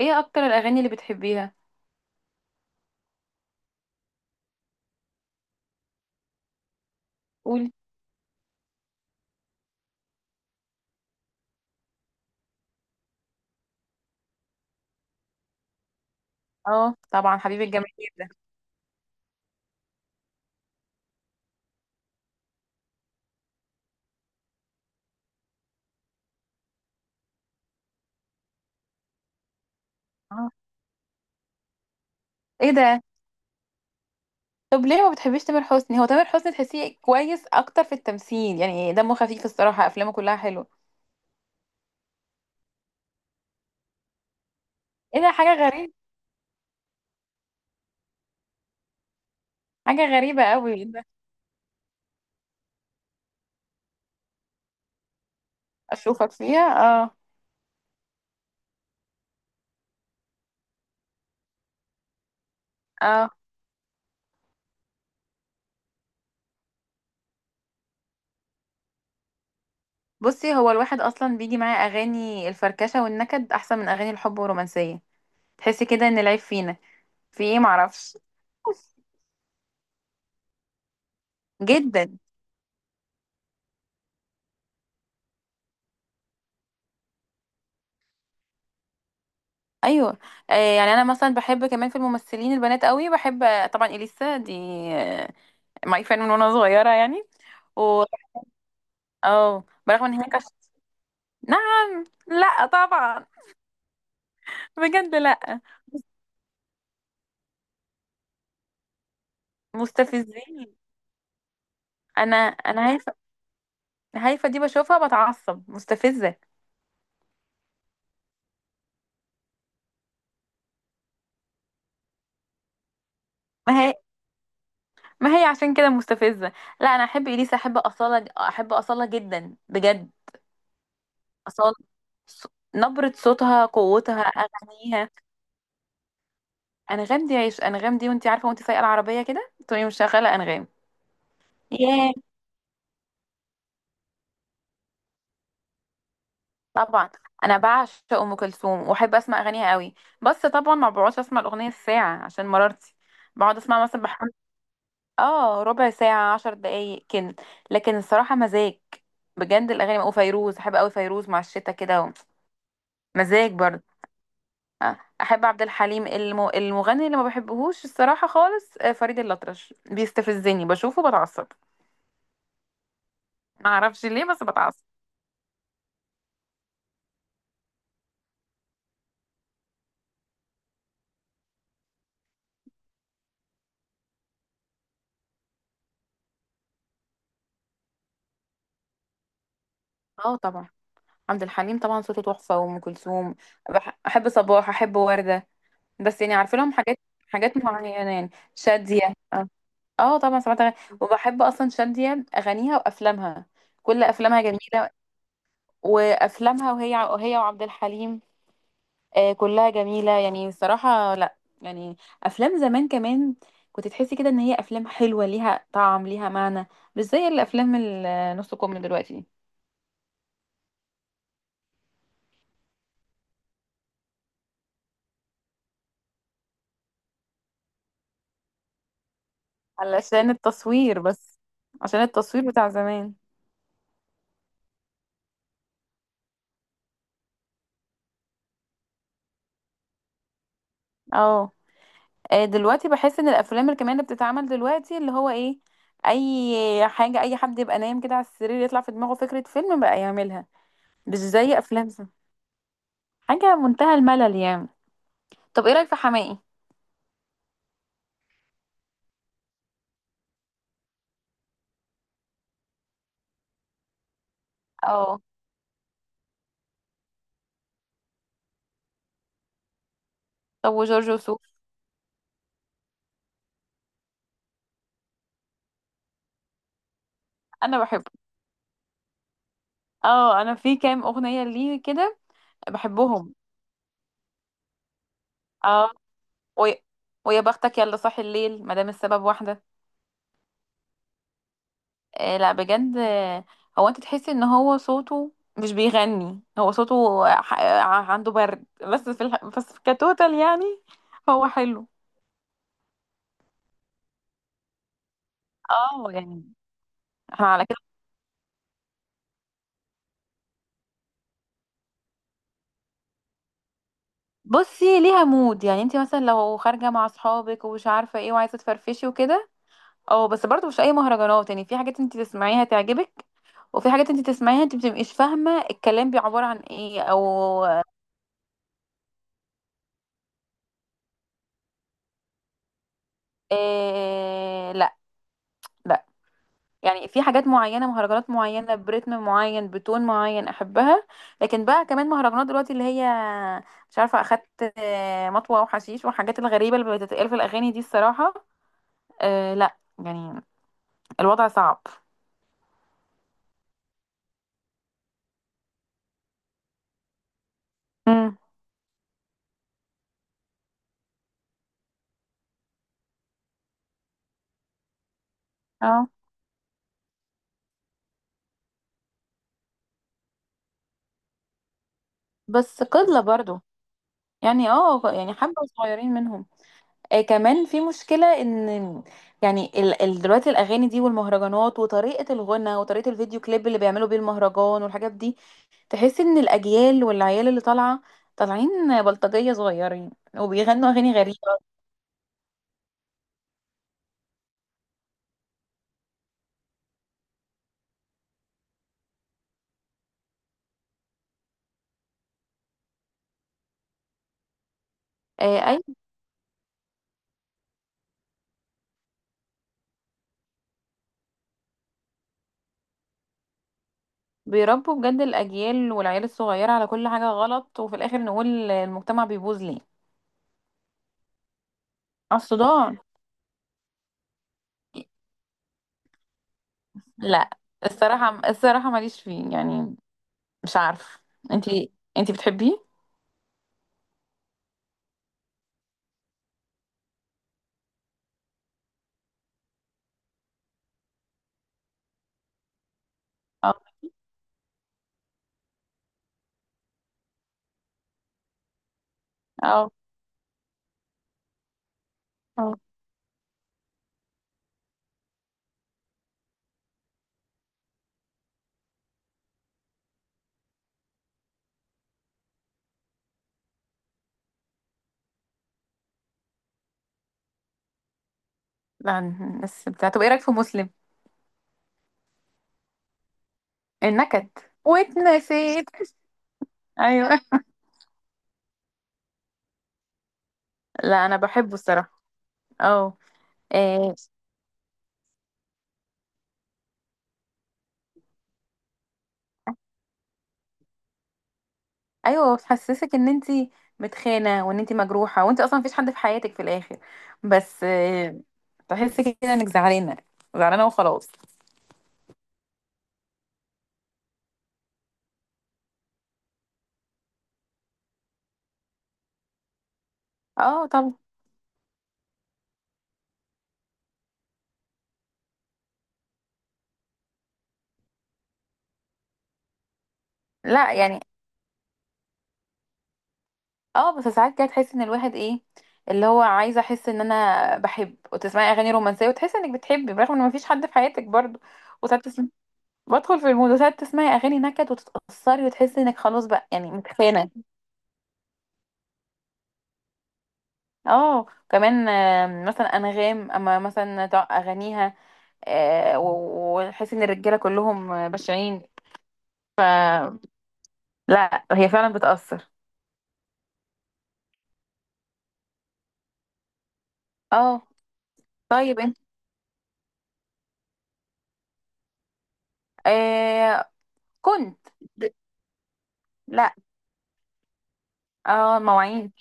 ايه اكتر الاغاني اللي بتحبيها؟ قولي. اه طبعا حبيبي الجميل ده. اه. ايه ده؟ طب ليه ما بتحبيش تامر حسني؟ هو تامر حسني تحسيه كويس اكتر في التمثيل، يعني دمه خفيف الصراحه، افلامه كلها حلوه. ايه ده؟ حاجه غريبه. حاجه غريبه قوي، ايه ده؟ اشوفك فيها. اه. اه بصي، هو الواحد اصلا بيجي معاه اغاني الفركشه والنكد احسن من اغاني الحب والرومانسيه. تحسي كده ان العيب فينا في ايه؟ معرفش. جدا. ايوه. يعني انا مثلا بحب كمان في الممثلين البنات قوي، بحب طبعا اليسا دي ماي فان من وانا صغيره يعني. و اه برغم ان هي كش... نعم، لا طبعا. بجد لا. مستفزين. انا هايفه. هايفه دي بشوفها بتعصب، مستفزه. ما هي، ما هي عشان كده مستفزه. لا انا احب اليسا، احب اصاله، احب اصاله جدا بجد. اصاله. ص- نبره صوتها، قوتها، اغانيها. انغام دي عيش، انغام دي وانت عارفه وانت سايقه العربيه كده تقومي مشغله انغام. ياه. طبعا انا بعشق ام كلثوم واحب اسمع اغانيها قوي. بس طبعا ما بقعدش اسمع الاغنيه الساعه عشان مرارتي. بقعد اسمع مثلا بحوالي اه ربع ساعه، عشر دقايق كده. لكن الصراحه مزاج. بجد الاغاني، وفيروز احب قوي، فيروز مع الشتاء كده مزاج برضه. احب عبد الحليم، الم... المغني اللي ما بحبهوش الصراحه خالص فريد الأطرش، بيستفزني، بشوفه بتعصب. ما اعرفش ليه بس بتعصب. اه طبعا. عبد الحليم طبعا صوته تحفة، وأم كلثوم. بح- أحب صباح، أحب وردة، بس يعني عارفة لهم حاجات، حاجات معينة، يعني شادية. اه. آه طبعا سمعت أغاني. وبحب أصلا شادية، أغانيها وأفلامها، كل أفلامها جميلة. وأفلامها، وهي، وهي وعبد الحليم، آه كلها جميلة يعني الصراحة. لا يعني أفلام زمان كمان، كنت تحسي كده إن هي أفلام حلوة، ليها طعم، ليها معنى، مش زي الأفلام النص كم دلوقتي. علشان التصوير بس، عشان التصوير بتاع زمان. اه. دلوقتي بحس ان الافلام الكمان اللي بتتعمل دلوقتي، اللي هو ايه، اي حاجه، اي حد يبقى نايم كده على السرير يطلع في دماغه فكره فيلم بقى يعملها. مش زي افلام زمان. حاجه منتهى الملل يعني. طب ايه رايك في حماقي؟ اه. طب وجورج وسوف؟ انا بحبه. اه انا في كام اغنيه ليه كده. بحبهم. اه. ويا، ويا بختك، يلا صاحي الليل، ما دام السبب واحده. لا بجد هو انت تحسي ان هو صوته مش بيغني، هو صوته ح- ع- عنده برد، بس في الح... بس في كتوتال يعني، هو حلو. اه يعني. احنا على كده. بصي ليها مود، يعني انت مثلا لو خارجه مع اصحابك ومش عارفه ايه وعايزه تفرفشي وكده. اه بس برضو مش اي مهرجانات، يعني في حاجات انت تسمعيها تعجبك، وفي حاجات انت تسمعيها انت بتبقيش فاهمه الكلام بي عباره عن ايه او... إيه لا. لا يعني في حاجات معينة، مهرجانات معينة، برتم معين، بتون معين أحبها. لكن بقى كمان مهرجانات دلوقتي اللي هي مش عارفة أخدت مطوة وحشيش والحاجات الغريبة اللي بتتقال في الأغاني دي الصراحة. أه لا يعني، الوضع صعب. امم. اه بس قلة برضو، يعني اه يعني حبة صغيرين منهم. آه كمان في مشكلة ان، يعني ال دلوقتي الأغاني دي والمهرجانات وطريقة الغنى وطريقة الفيديو كليب اللي بيعملوا بيه المهرجان والحاجات دي، تحس ان الاجيال والعيال اللي طالعه، طالعين بلطجيه صغيرين وبيغنوا اغاني غريبه. آه اي. بيربوا بجد الاجيال والعيال الصغيره على كل حاجه غلط، وفي الاخر نقول المجتمع بيبوظ ليه. على الصداع. لا الصراحه، الصراحه ماليش فيه يعني، مش عارف. انتي بتحبيه؟ اه. اه. اه لا. الناس بتاع، طب ايه رايك في مسلم النكد واتنسيت؟ ايوه. لا انا بحبه الصراحه. اه. آه، ايوه بتحسسك ان انت متخانه، وان انت مجروحه، وانت اصلا مفيش حد في حياتك في الاخر، بس. تحسي كده انك زعلانه، زعلانه وخلاص. اه طبعا. لا يعني، اه بس ساعات كده تحسي ان الواحد ايه، اللي هو عايزه احس ان انا بحب وتسمعي اغاني رومانسيه وتحسي انك بتحبي برغم ان مفيش حد في حياتك برضه. وساعات تسمعي، بدخل في المود، وساعات تسمعي اغاني نكد وتتاثري وتحسي انك خلاص بقى يعني متخانه. اه كمان مثلا انغام، اما مثلا تع- اغانيها و- وتحس ان الرجاله كلهم بشعين. لا هي فعلا بتأثر. اه. طيب انت آه كنت... لا. اه مواعين.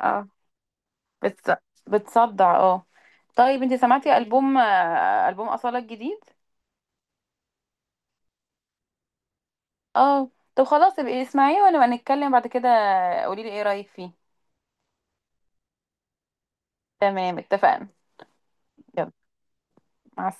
اه بتص... بتصدع اه. طيب انت سمعتي ألبوم ألبوم أصالة الجديد؟ اه. طب خلاص ابقي اسمعيه ونبقى نتكلم بعد كده، قولي لي ايه رأيك فيه. تمام اتفقنا. يلا. مع